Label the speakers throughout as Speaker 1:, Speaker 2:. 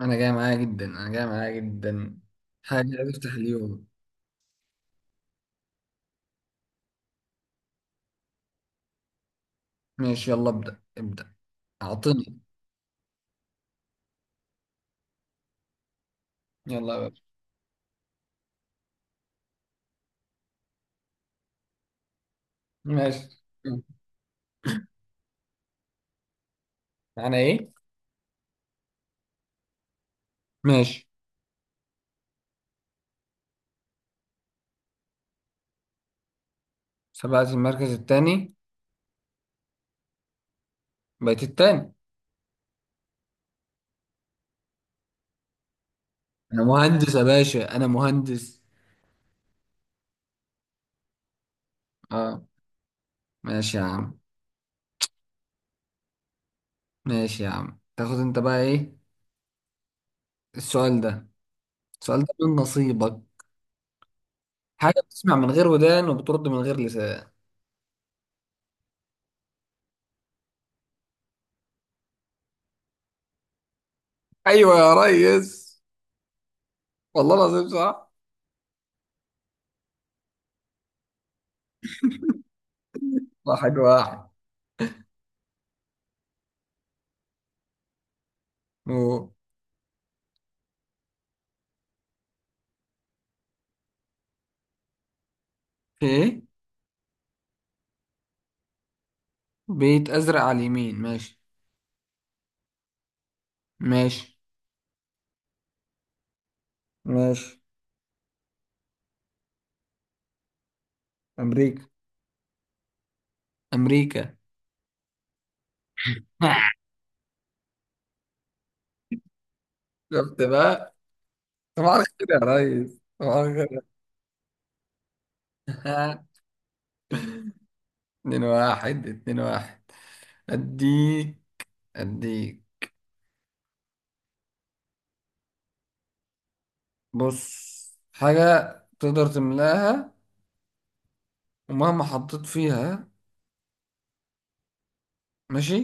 Speaker 1: انا جاي معايا جدا، انا جاي معايا جدا حاجة افتح اليوم. ماشي، يلا ابدأ ابدأ. اعطني. يلا يا باشا. ماشي. انا ايه؟ ماشي. سبقت المركز التاني. بقيت التاني. انا مهندس يا باشا، انا مهندس. اه. ماشي يا عم. ماشي يا عم، تاخد انت بقى ايه؟ السؤال ده السؤال ده من نصيبك. حاجة بتسمع من غير ودان وبترد من غير لسان. ايوه يا ريس. والله العظيم صح. واحد واحد. أوه. في ايه؟ بيت ازرق على اليمين ماشي. ماشي. ماشي. أمريكا. امريكا. شفت بقى. صباح الخير يا ريس، صباح الخير. اتنين واحد، اتنين واحد. اديك اديك. بص. حاجة تقدر تملاها، ومهما حطيت فيها. ماشي.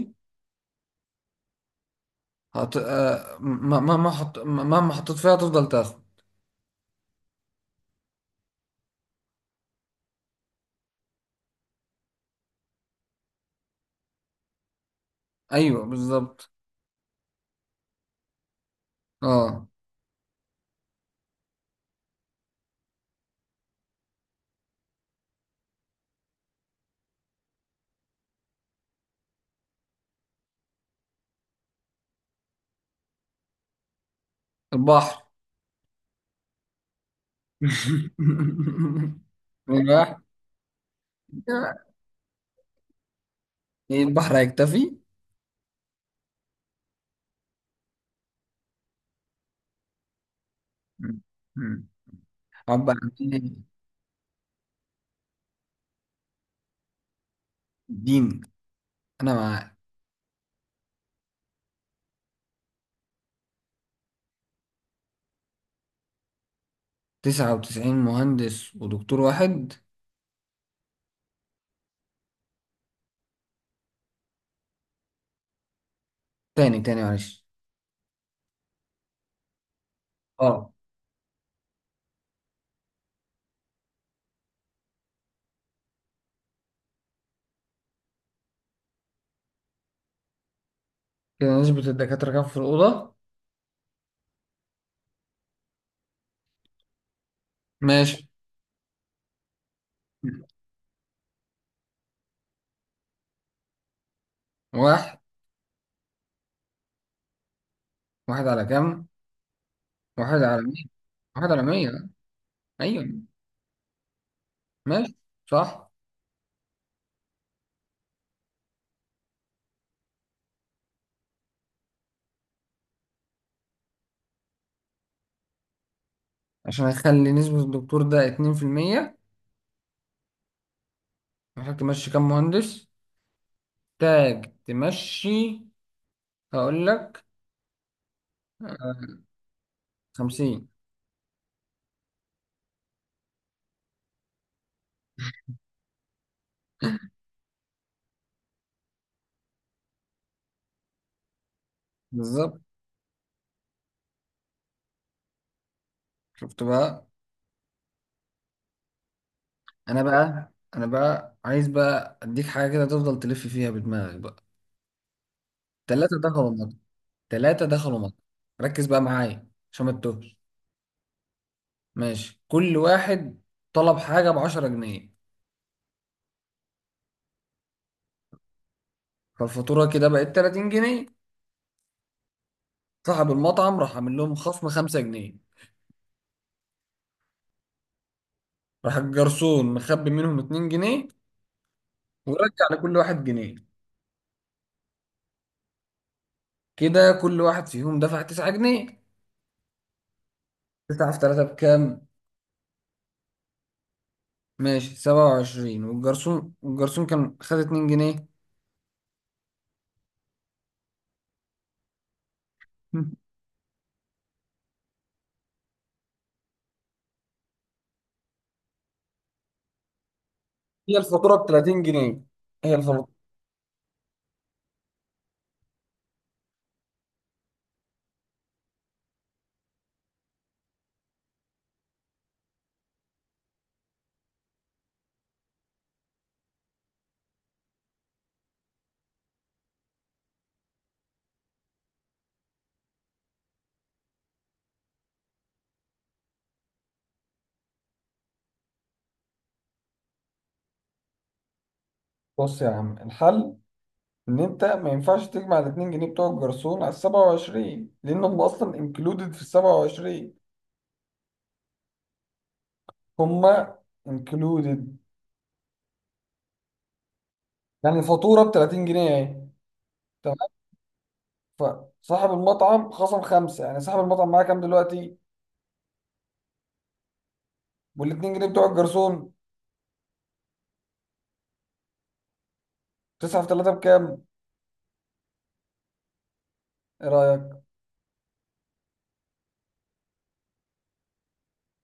Speaker 1: هت... آه، م- مهما حط... مهما حطيت فيها تفضل تاخد. ايوه بالظبط. اه، البحر. اتنين واحد. إيه، البحر هيكتفي؟ مم. مم. عبر عن إيه؟ الدين. أنا مع. تسعة وتسعين مهندس ودكتور واحد. تاني تاني معلش. اه. كده نسبة الدكاترة كام في الأوضة؟ ماشي. مم. واحد. واحد على كام؟ واحد على مية. واحد على مية. أيوة. ماشي. صح. عشان أخلي نسبة الدكتور ده اتنين في المية. محتاج تمشي كام مهندس؟ محتاج تمشي. هقول لك. آه، خمسين. بالظبط. شفت بقى. انا بقى عايز بقى اديك حاجه كده تفضل تلف فيها بدماغك بقى. ثلاثه دخلوا مصر، ثلاثه دخلوا مصر. ركز بقى معايا عشان ما تتوهش. ماشي، كل واحد طلب حاجه ب 10 جنيه. فالفاتوره كده بقت 30 جنيه. صاحب المطعم راح عامل لهم خصم 5 جنيه. راح الجرسون مخبي منهم 2 جنيه، ورجع لكل واحد جنيه. كده كل واحد فيهم دفع 9 جنيه. 9 في 3 بكام؟ ماشي، 27. والجرسون، الجرسون كان خد 2 جنيه. هي الفاتورة ب 30 جنيه. هي الفاتورة بص يا عم، الحل ان انت ما ينفعش تجمع ال 2 جنيه بتوع الجرسون على ال 27، لان هم اصلا انكلودد في ال 27. هم انكلودد. يعني الفاتوره ب 30 جنيه اهي. تمام. فصاحب المطعم خصم خمسه، يعني صاحب المطعم معاه كام دلوقتي؟ وال 2 جنيه بتوع الجرسون. 9 في 3 بكام؟ ايه رايك؟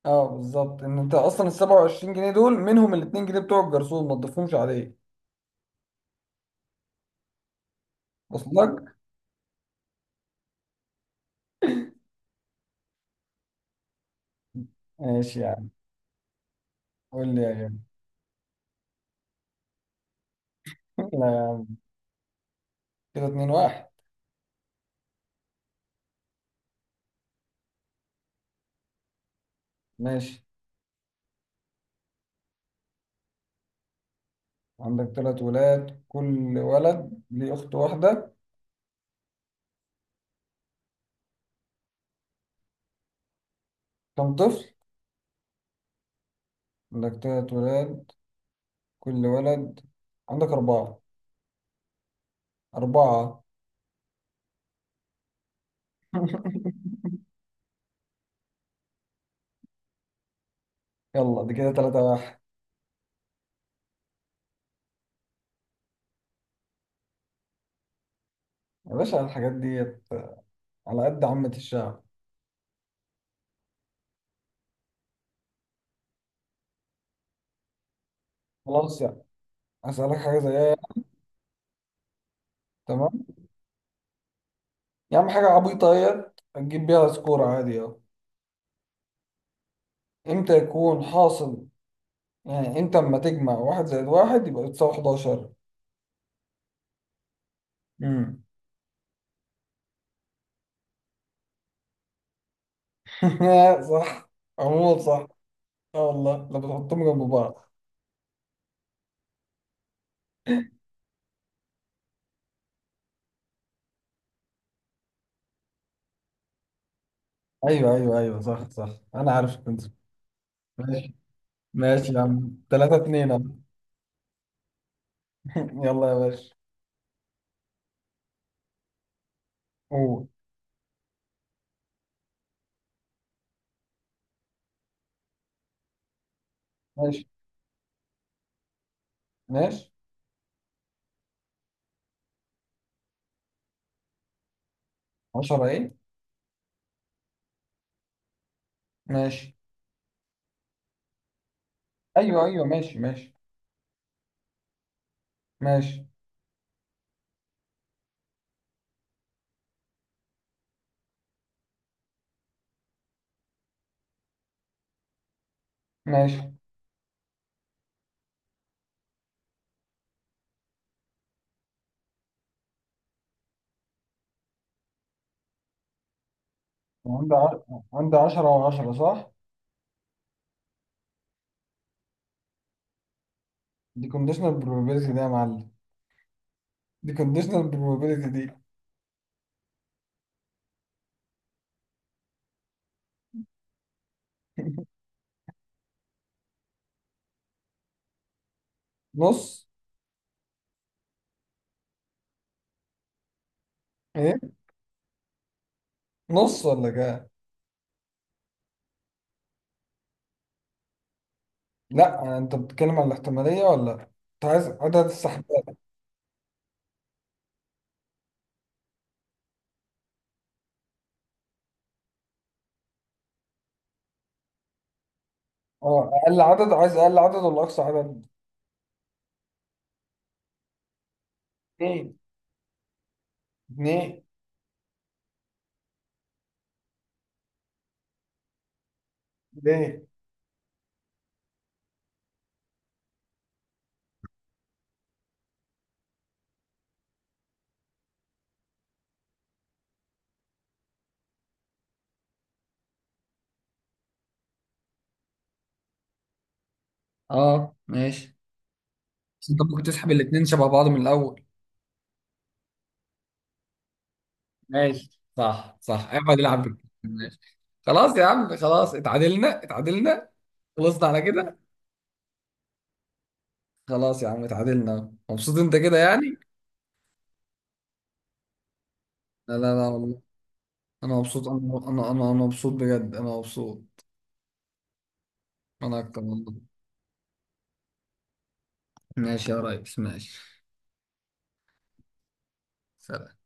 Speaker 1: اه بالظبط، ان انت اصلا ال 27 جنيه دول منهم ال 2 جنيه بتوع الجرسون، ما تضيفهمش عليه. وصل لك؟ ماشي يا عم. قول لي يا غالي. لا يا عم. كده اتنين واحد. ماشي. عندك تلات ولاد، كل ولد ليه أخت واحدة. كم طفل؟ عندك تلات ولاد، كل ولد. عندك أربعة. أربعة. يلا دي كده تلاتة واحد. يا باشا، الحاجات دي على قد عامة الشعب. خلاص يعني. أسألك حاجة زيها. تمام. يا عم، حاجة عبيطة اهيت هتجيب بيها سكور عادي اهو. امتى يكون حاصل، يعني انت اما تجمع واحد زائد واحد يبقى بتساوي 11؟ امم صح. عموما صح. اه والله لو بتحطهم جنب بعض. ايوه ايوه ايوه، صح صح. انا عارف كنت. ماشي. ماشي يا عم. 3 2. يلا يا باشا. قول. ماشي. ماشي. 10 ايه؟ ماشي. ايوه ايوه، ماشي ماشي ماشي ماشي. عندي عندي 10 و10. صح. دي كونديشنال بروبابيلتي ده يا معلم. دي كونديشنال بروبابيلتي دي. نص. ايه؟ نص ولا كام؟ لا، انت بتتكلم عن الاحتماليه ولا انت عايز عدد السحبات؟ اه، اقل عدد. عايز اقل عدد ولا اقصى عدد؟ اتنين. اتنين. ليه؟ اه ماشي. بس انت ممكن تسحب الاتنين شبه بعض من الاول. ماشي، صح صح. اقعد العب بك. ماشي. خلاص يا عم، خلاص. اتعادلنا اتعادلنا. خلصنا على كده. خلاص يا عم، اتعادلنا. مبسوط انت كده يعني؟ لا لا لا، والله انا مبسوط. أنا مبسوط بجد. انا مبسوط. انا اكتر والله. ماشي يا ريس، ماشي. سلام.